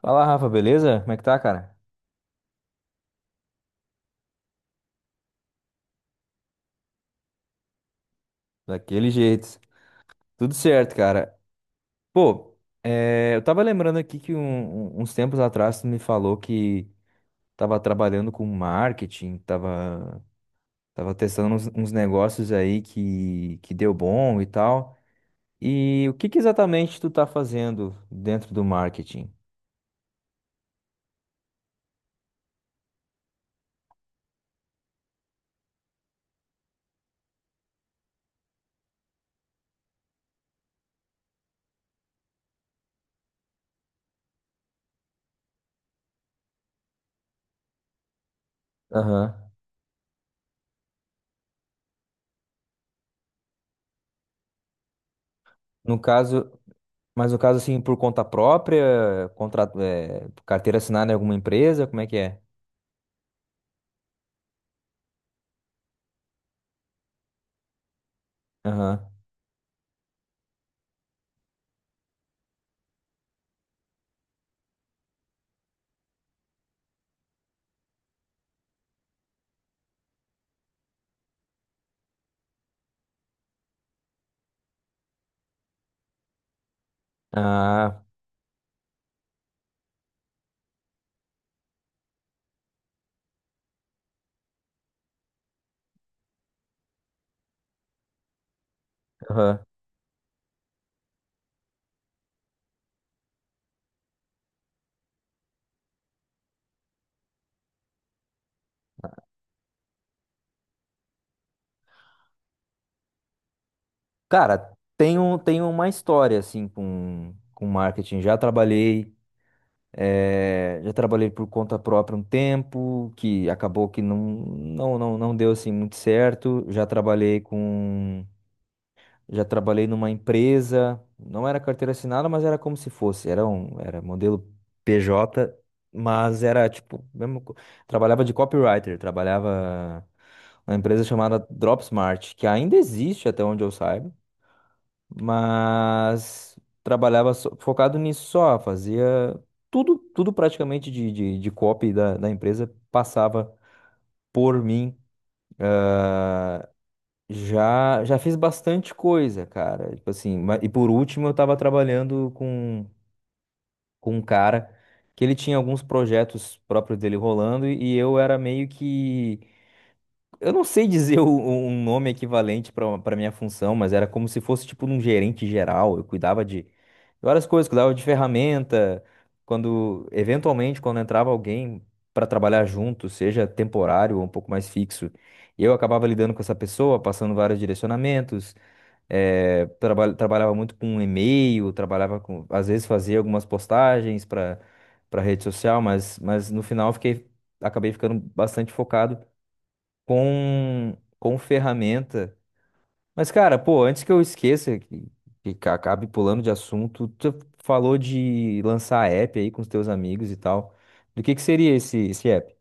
Fala, Rafa, beleza? Como é que tá, cara? Daquele jeito. Tudo certo, cara. Pô, eu tava lembrando aqui que uns tempos atrás tu me falou que tava trabalhando com marketing, tava testando uns negócios aí que deu bom e tal. E o que que exatamente tu tá fazendo dentro do marketing? Aham. No caso, mas no caso assim, por conta própria, contrato, carteira assinada em alguma empresa, como é que é? Aham. Ah, aham. Cara, tem uma história assim com marketing. Já trabalhei, já trabalhei por conta própria um tempo, que acabou que não deu assim muito certo. Já trabalhei numa empresa, não era carteira assinada, mas era como se fosse, era modelo PJ, mas era tipo, mesmo, trabalhava de copywriter, trabalhava uma empresa chamada Dropsmart, que ainda existe até onde eu saiba, mas trabalhava focado nisso só, fazia tudo, tudo praticamente de copy da empresa passava por mim. Já fiz bastante coisa, cara. Tipo assim, e por último eu tava trabalhando com um cara que ele tinha alguns projetos próprios dele rolando e eu era meio que. Eu não sei dizer um nome equivalente para minha função, mas era como se fosse tipo um gerente geral. Eu cuidava de várias coisas, cuidava de ferramenta. Quando, eventualmente, quando entrava alguém para trabalhar junto, seja temporário ou um pouco mais fixo, eu acabava lidando com essa pessoa, passando vários direcionamentos. Trabalhava muito com e-mail, trabalhava com, às vezes fazia algumas postagens para rede social, mas no final eu fiquei, acabei ficando bastante focado com ferramenta. Mas, cara, pô, antes que eu esqueça, que acabe pulando de assunto, tu falou de lançar app aí com os teus amigos e tal. Do que seria esse app?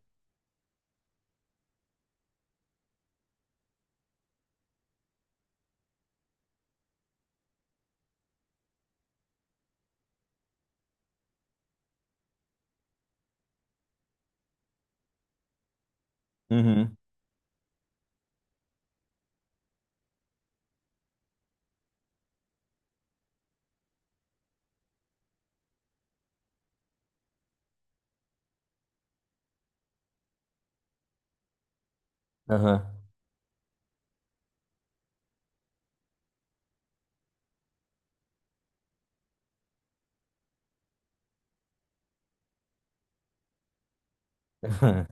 Uhum. Aham. Aham.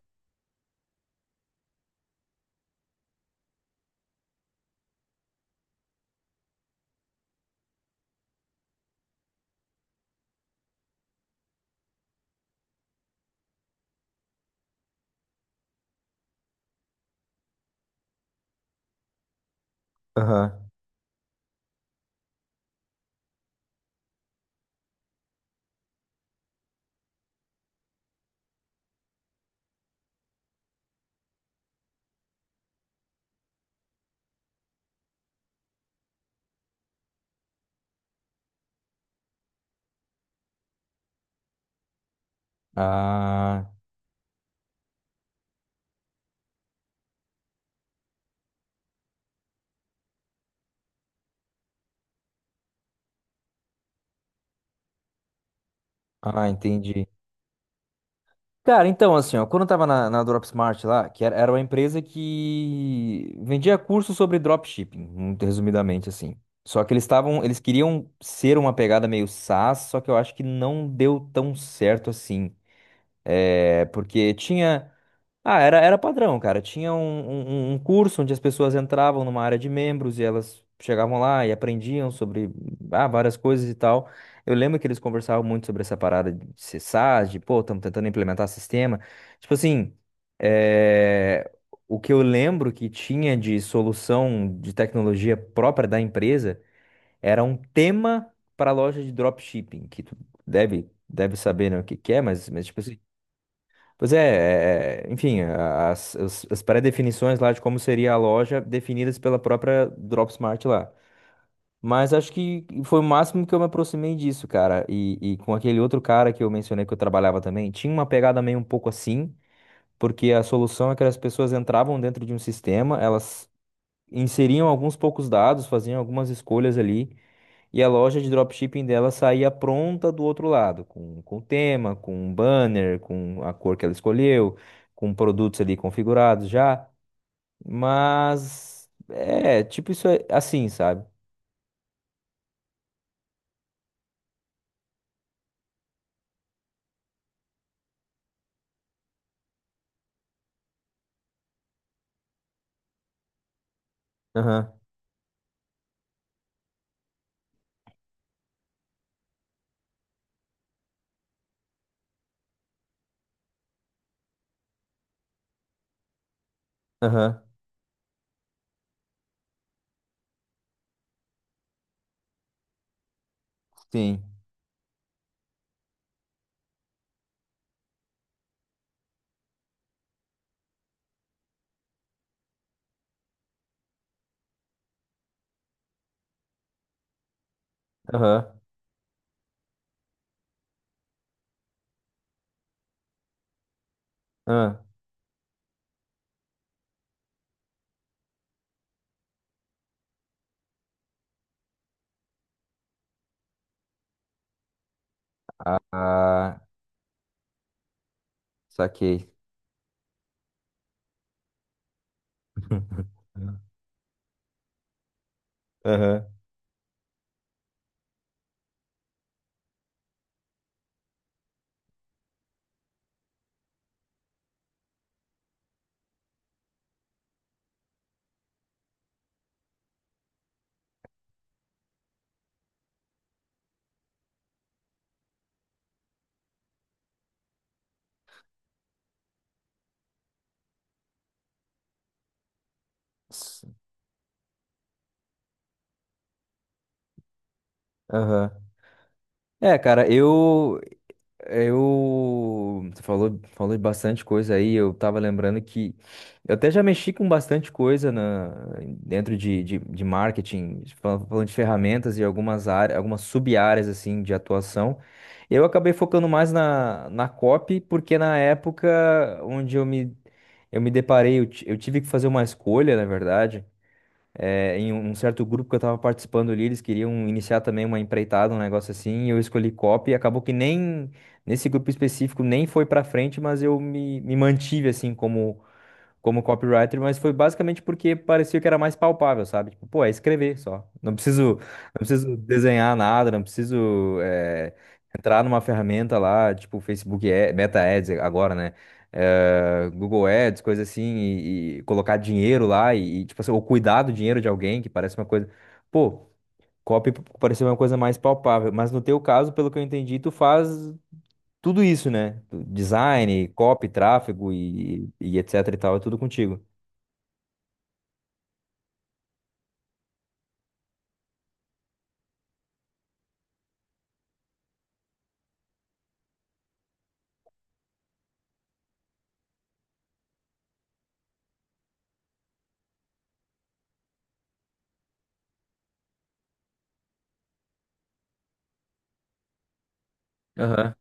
Ah, ah, entendi. Cara, então, assim, ó, quando eu tava na Dropsmart lá, era uma empresa que vendia cursos sobre dropshipping, muito resumidamente, assim. Só que eles estavam, eles queriam ser uma pegada meio SaaS, só que eu acho que não deu tão certo assim. É, porque tinha. Ah, era, era padrão, cara. Tinha um curso onde as pessoas entravam numa área de membros e elas chegavam lá e aprendiam sobre várias coisas e tal. Eu lembro que eles conversavam muito sobre essa parada de ser SaaS, de pô, estamos tentando implementar sistema. Tipo assim, eh, o que eu lembro que tinha de solução de tecnologia própria da empresa era um tema para a loja de dropshipping, que tu deve saber, né, o que que é, mas tipo assim. Pois é, enfim, as pré-definições lá de como seria a loja definidas pela própria Dropsmart lá. Mas acho que foi o máximo que eu me aproximei disso, cara. E com aquele outro cara que eu mencionei que eu trabalhava também, tinha uma pegada meio um pouco assim, porque a solução é que as pessoas entravam dentro de um sistema, elas inseriam alguns poucos dados, faziam algumas escolhas ali. E a loja de dropshipping dela saía pronta do outro lado, com o tema, com o banner, com a cor que ela escolheu, com produtos ali configurados já. Mas é, tipo isso é assim, sabe? Aham, aham, sim. Aham, aham. Ah, saquei. Aham. s- Aham. É, cara, eu você falou, falou de bastante coisa aí. Eu tava lembrando que eu até já mexi com bastante coisa dentro de marketing, falando de ferramentas e algumas áreas, algumas sub-áreas assim de atuação. Eu acabei focando mais na copy, porque na época onde eu me deparei, eu tive que fazer uma escolha, na verdade é, em um certo grupo que eu estava participando ali, eles queriam iniciar também uma empreitada, um negócio assim, e eu escolhi copy, e acabou que nem nesse grupo específico nem foi para frente, mas me mantive assim como como copywriter, mas foi basicamente porque parecia que era mais palpável, sabe? Tipo, pô, é escrever só. Não preciso desenhar nada, não preciso entrar numa ferramenta lá, tipo Meta Ads agora, né? Eh, Google Ads, coisa assim, e colocar dinheiro lá tipo assim, ou cuidar do dinheiro de alguém, que parece uma coisa. Pô, copy pareceu uma coisa mais palpável, mas no teu caso, pelo que eu entendi, tu faz tudo isso, né? Design, copy, tráfego e etc e tal, é tudo contigo. Aham,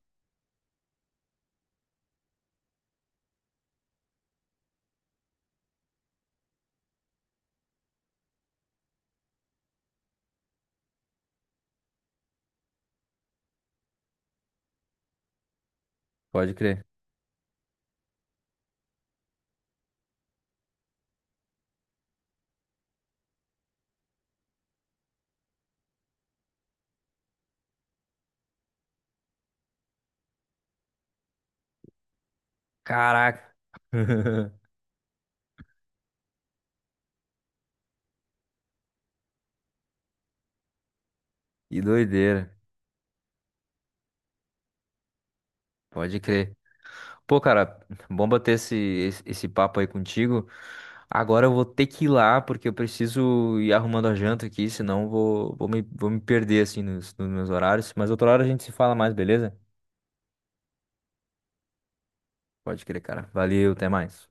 pode crer. Caraca. Que doideira. Pode crer. Pô, cara, bom bater esse papo aí contigo. Agora eu vou ter que ir lá, porque eu preciso ir arrumando a janta aqui, senão eu vou, vou me perder, assim, nos meus horários. Mas outra hora a gente se fala mais, beleza? Pode crer, cara. Valeu, até mais.